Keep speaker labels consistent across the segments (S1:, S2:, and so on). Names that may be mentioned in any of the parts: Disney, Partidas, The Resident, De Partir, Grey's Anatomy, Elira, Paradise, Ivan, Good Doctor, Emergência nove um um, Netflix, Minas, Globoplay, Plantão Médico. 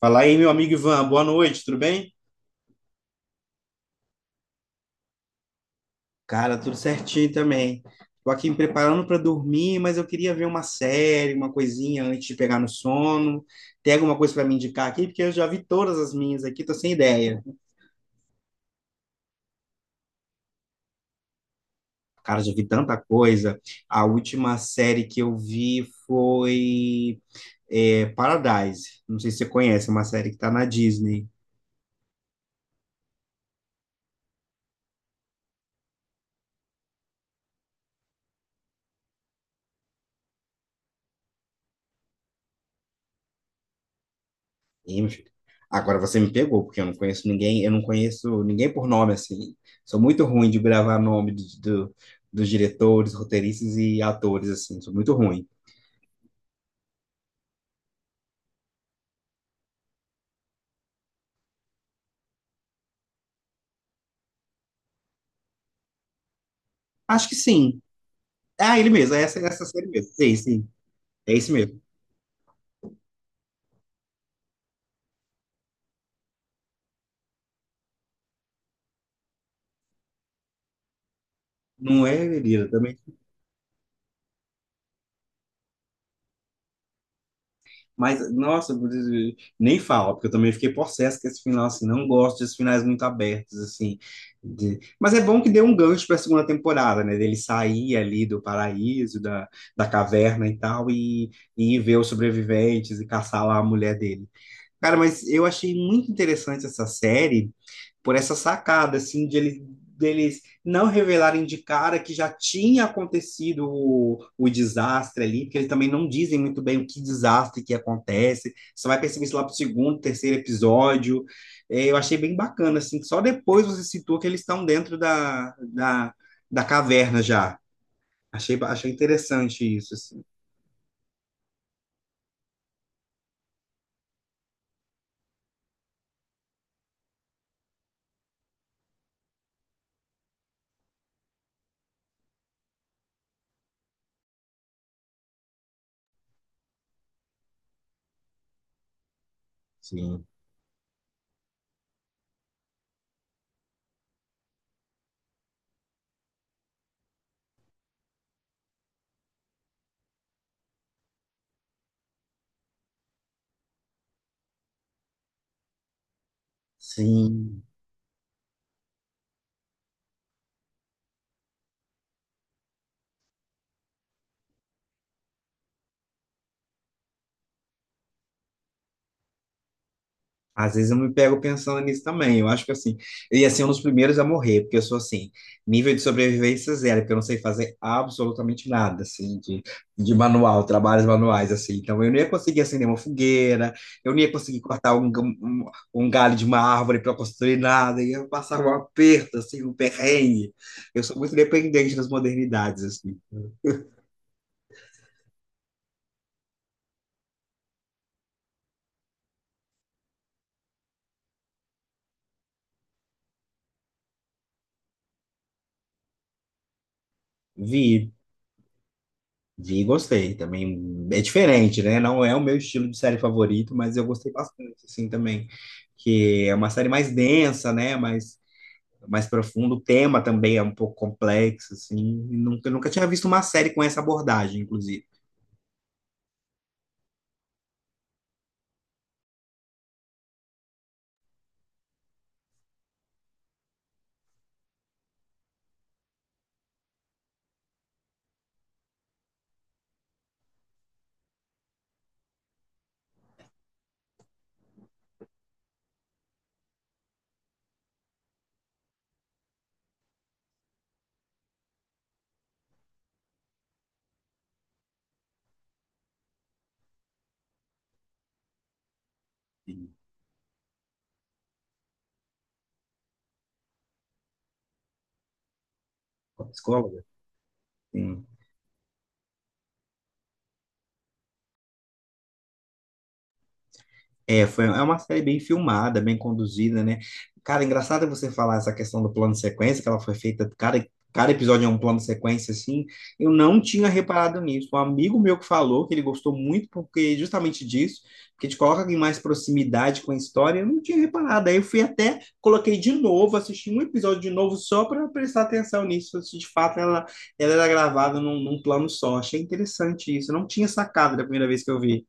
S1: Fala aí, meu amigo Ivan. Boa noite, tudo bem? Cara, tudo certinho também. Tô aqui me preparando para dormir, mas eu queria ver uma série, uma coisinha antes de pegar no sono. Tem alguma coisa para me indicar aqui? Porque eu já vi todas as minhas aqui, tô sem ideia. Cara, já vi tanta coisa. A última série que eu vi foi Paradise. Não sei se você conhece, é uma série que tá na Disney. Ih, meu filho. Agora você me pegou, porque eu não conheço ninguém, eu não conheço ninguém por nome, assim. Sou muito ruim de gravar dos diretores, roteiristas e atores, assim. Sou muito ruim. Acho que sim. Ah, ele mesmo, é essa, essa série mesmo. Sim, sim. É esse mesmo. Não é, Elira, também. Mas, nossa, nem fala, porque eu também fiquei possesso com esse final, assim, não gosto desses finais muito abertos, assim. Mas é bom que deu um gancho para a segunda temporada, né? Dele sair ali do paraíso, da, da caverna e tal, e ver os sobreviventes e caçar lá a mulher dele. Cara, mas eu achei muito interessante essa série por essa sacada, assim, deles não revelarem de cara que já tinha acontecido o desastre ali, porque eles também não dizem muito bem o que desastre que acontece. Você vai perceber isso lá pro segundo, terceiro episódio. É, eu achei bem bacana, assim, que só depois você citou que eles estão dentro da caverna já. Achei interessante isso, assim. Sim. Sim. Às vezes eu me pego pensando nisso também. Eu acho que assim, eu ia ser um dos primeiros a morrer, porque eu sou assim, nível de sobrevivência zero, porque eu não sei fazer absolutamente nada, assim, de manual, trabalhos manuais, assim. Então eu não ia conseguir acender uma fogueira, eu não ia conseguir cortar um, um galho de uma árvore para construir nada, eu ia passar um aperto, assim, um perrengue. Eu sou muito dependente das modernidades, assim. Vi. Vi e gostei também. É diferente, né? Não é o meu estilo de série favorito, mas eu gostei bastante, assim, também. Que é uma série mais densa, né? Mais, mais profunda. O tema também é um pouco complexo, assim. E nunca tinha visto uma série com essa abordagem, inclusive. Sim, com a psicóloga. É, foi, é uma série bem filmada, bem conduzida, né? Cara, é engraçado você falar essa questão do plano de sequência, que ela foi feita, cada episódio é um plano de sequência, assim. Eu não tinha reparado nisso. Um amigo meu que falou que ele gostou muito porque justamente disso, porque te coloca em mais proximidade com a história, eu não tinha reparado. Aí eu fui até, coloquei de novo, assisti um episódio de novo só para prestar atenção nisso, se de fato ela era gravada num plano só. Achei interessante isso. Eu não tinha sacado da primeira vez que eu vi.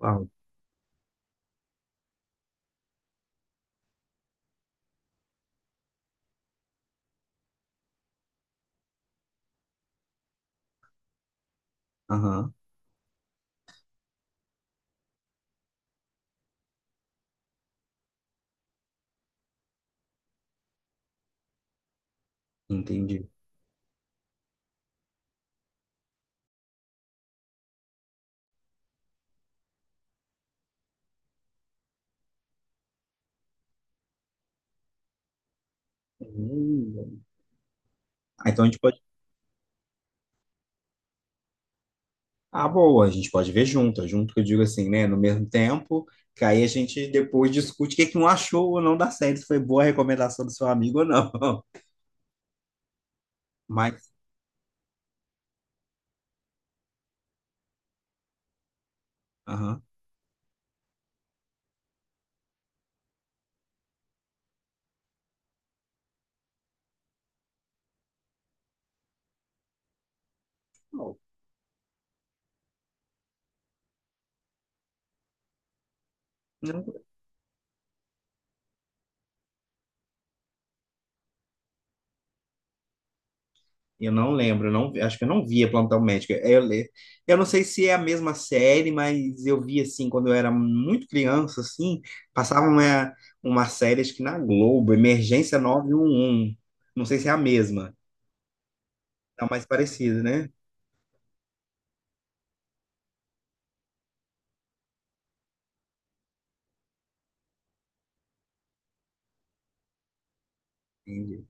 S1: Uau. Aham, entendi. Hum. Ah, então a gente pode. Ah, boa, a gente pode ver junto, é junto que eu digo assim, né? No mesmo tempo, que aí a gente depois discute o que que um achou ou não da série, se foi boa a recomendação do seu amigo ou não. Mas, aham. Não, não, eu não lembro, não, acho que eu não via Plantão Médico. Eu não sei se é a mesma série, mas eu vi assim, quando eu era muito criança, assim, passava uma série, acho que na Globo, Emergência 911. Não sei se é a mesma, tá mais parecida, né? Entendi.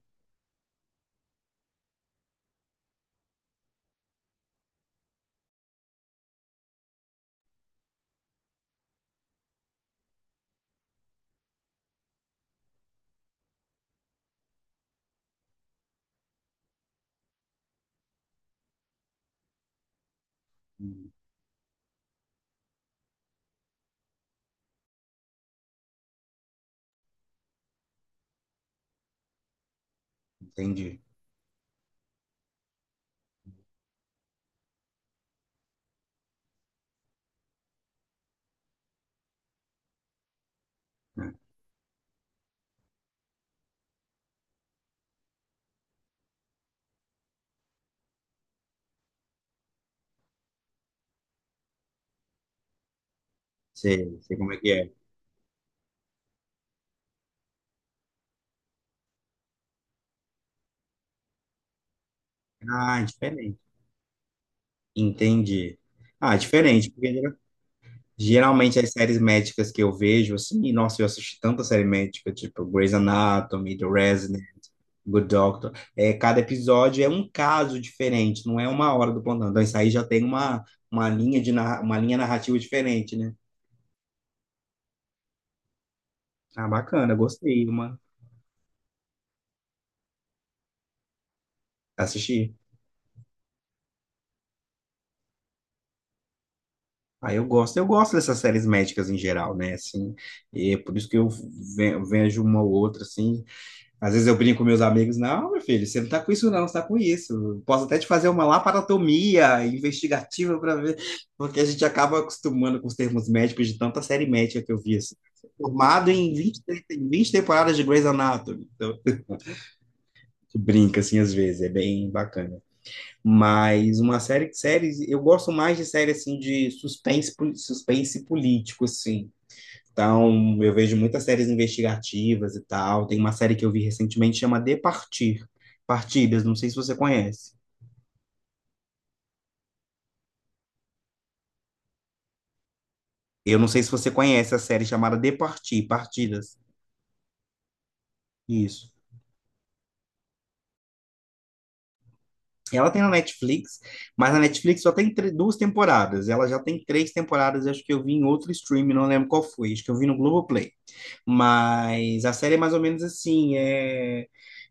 S1: Entendi. Ah, sei, sei como é que é. Ah, diferente. Entendi. Ah, diferente, porque geralmente as séries médicas que eu vejo, assim, nossa, eu assisti tanta série médica, tipo Grey's Anatomy, The Resident, Good Doctor, é, cada episódio é um caso diferente, não é uma hora do plantão. Então, isso aí já tem uma linha narrativa diferente, né? Ah, bacana, gostei, assisti. Ah, eu gosto dessas séries médicas em geral, né? Assim, e é por isso que eu vejo uma ou outra, assim, às vezes eu brinco com meus amigos, não, meu filho, você não tá com isso, não, você tá com isso. Eu posso até te fazer uma laparotomia investigativa para ver, porque a gente acaba acostumando com os termos médicos de tanta série médica que eu vi. Assim. Formado em 20 em 20 temporadas de Grey's Anatomy. Então, a gente brinca, assim, às vezes, é bem bacana. Mas uma série, séries, eu gosto mais de série, assim, de suspense, suspense político, assim. Então, eu vejo muitas séries investigativas e tal. Tem uma série que eu vi recentemente chama De Partir. Partidas, não sei se você conhece. Eu não sei se você conhece a série chamada De Partir, Partidas. Isso. Ela tem na Netflix, mas na Netflix só tem duas temporadas. Ela já tem três temporadas, acho que eu vi em outro stream, não lembro qual foi, acho que eu vi no Globoplay. Mas a série é mais ou menos assim, é,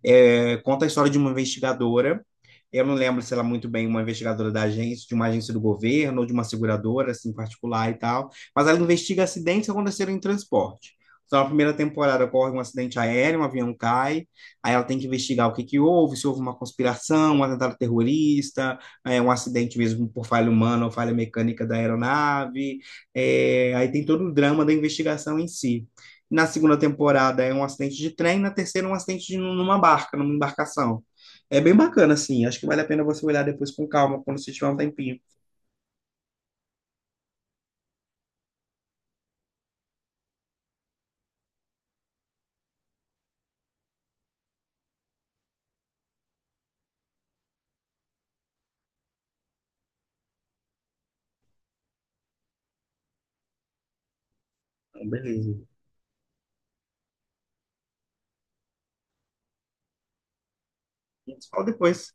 S1: é- conta a história de uma investigadora. Eu não lembro se ela é muito bem uma investigadora da agência, de uma agência do governo ou de uma seguradora assim particular e tal, mas ela investiga acidentes que aconteceram em transporte. Então, na primeira temporada ocorre um acidente aéreo, um avião cai, aí ela tem que investigar o que que houve, se houve uma conspiração, um atentado terrorista, é, um acidente mesmo por falha humana ou falha mecânica da aeronave. É, aí tem todo o drama da investigação em si. Na segunda temporada é um acidente de trem, na terceira é um acidente de, numa barca, numa embarcação. É bem bacana, assim. Acho que vale a pena você olhar depois com calma, quando você tiver um tempinho. Então, beleza. A gente se fala depois.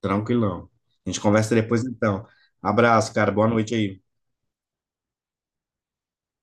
S1: Tranquilão. A gente conversa depois, então. Abraço, cara. Boa noite aí.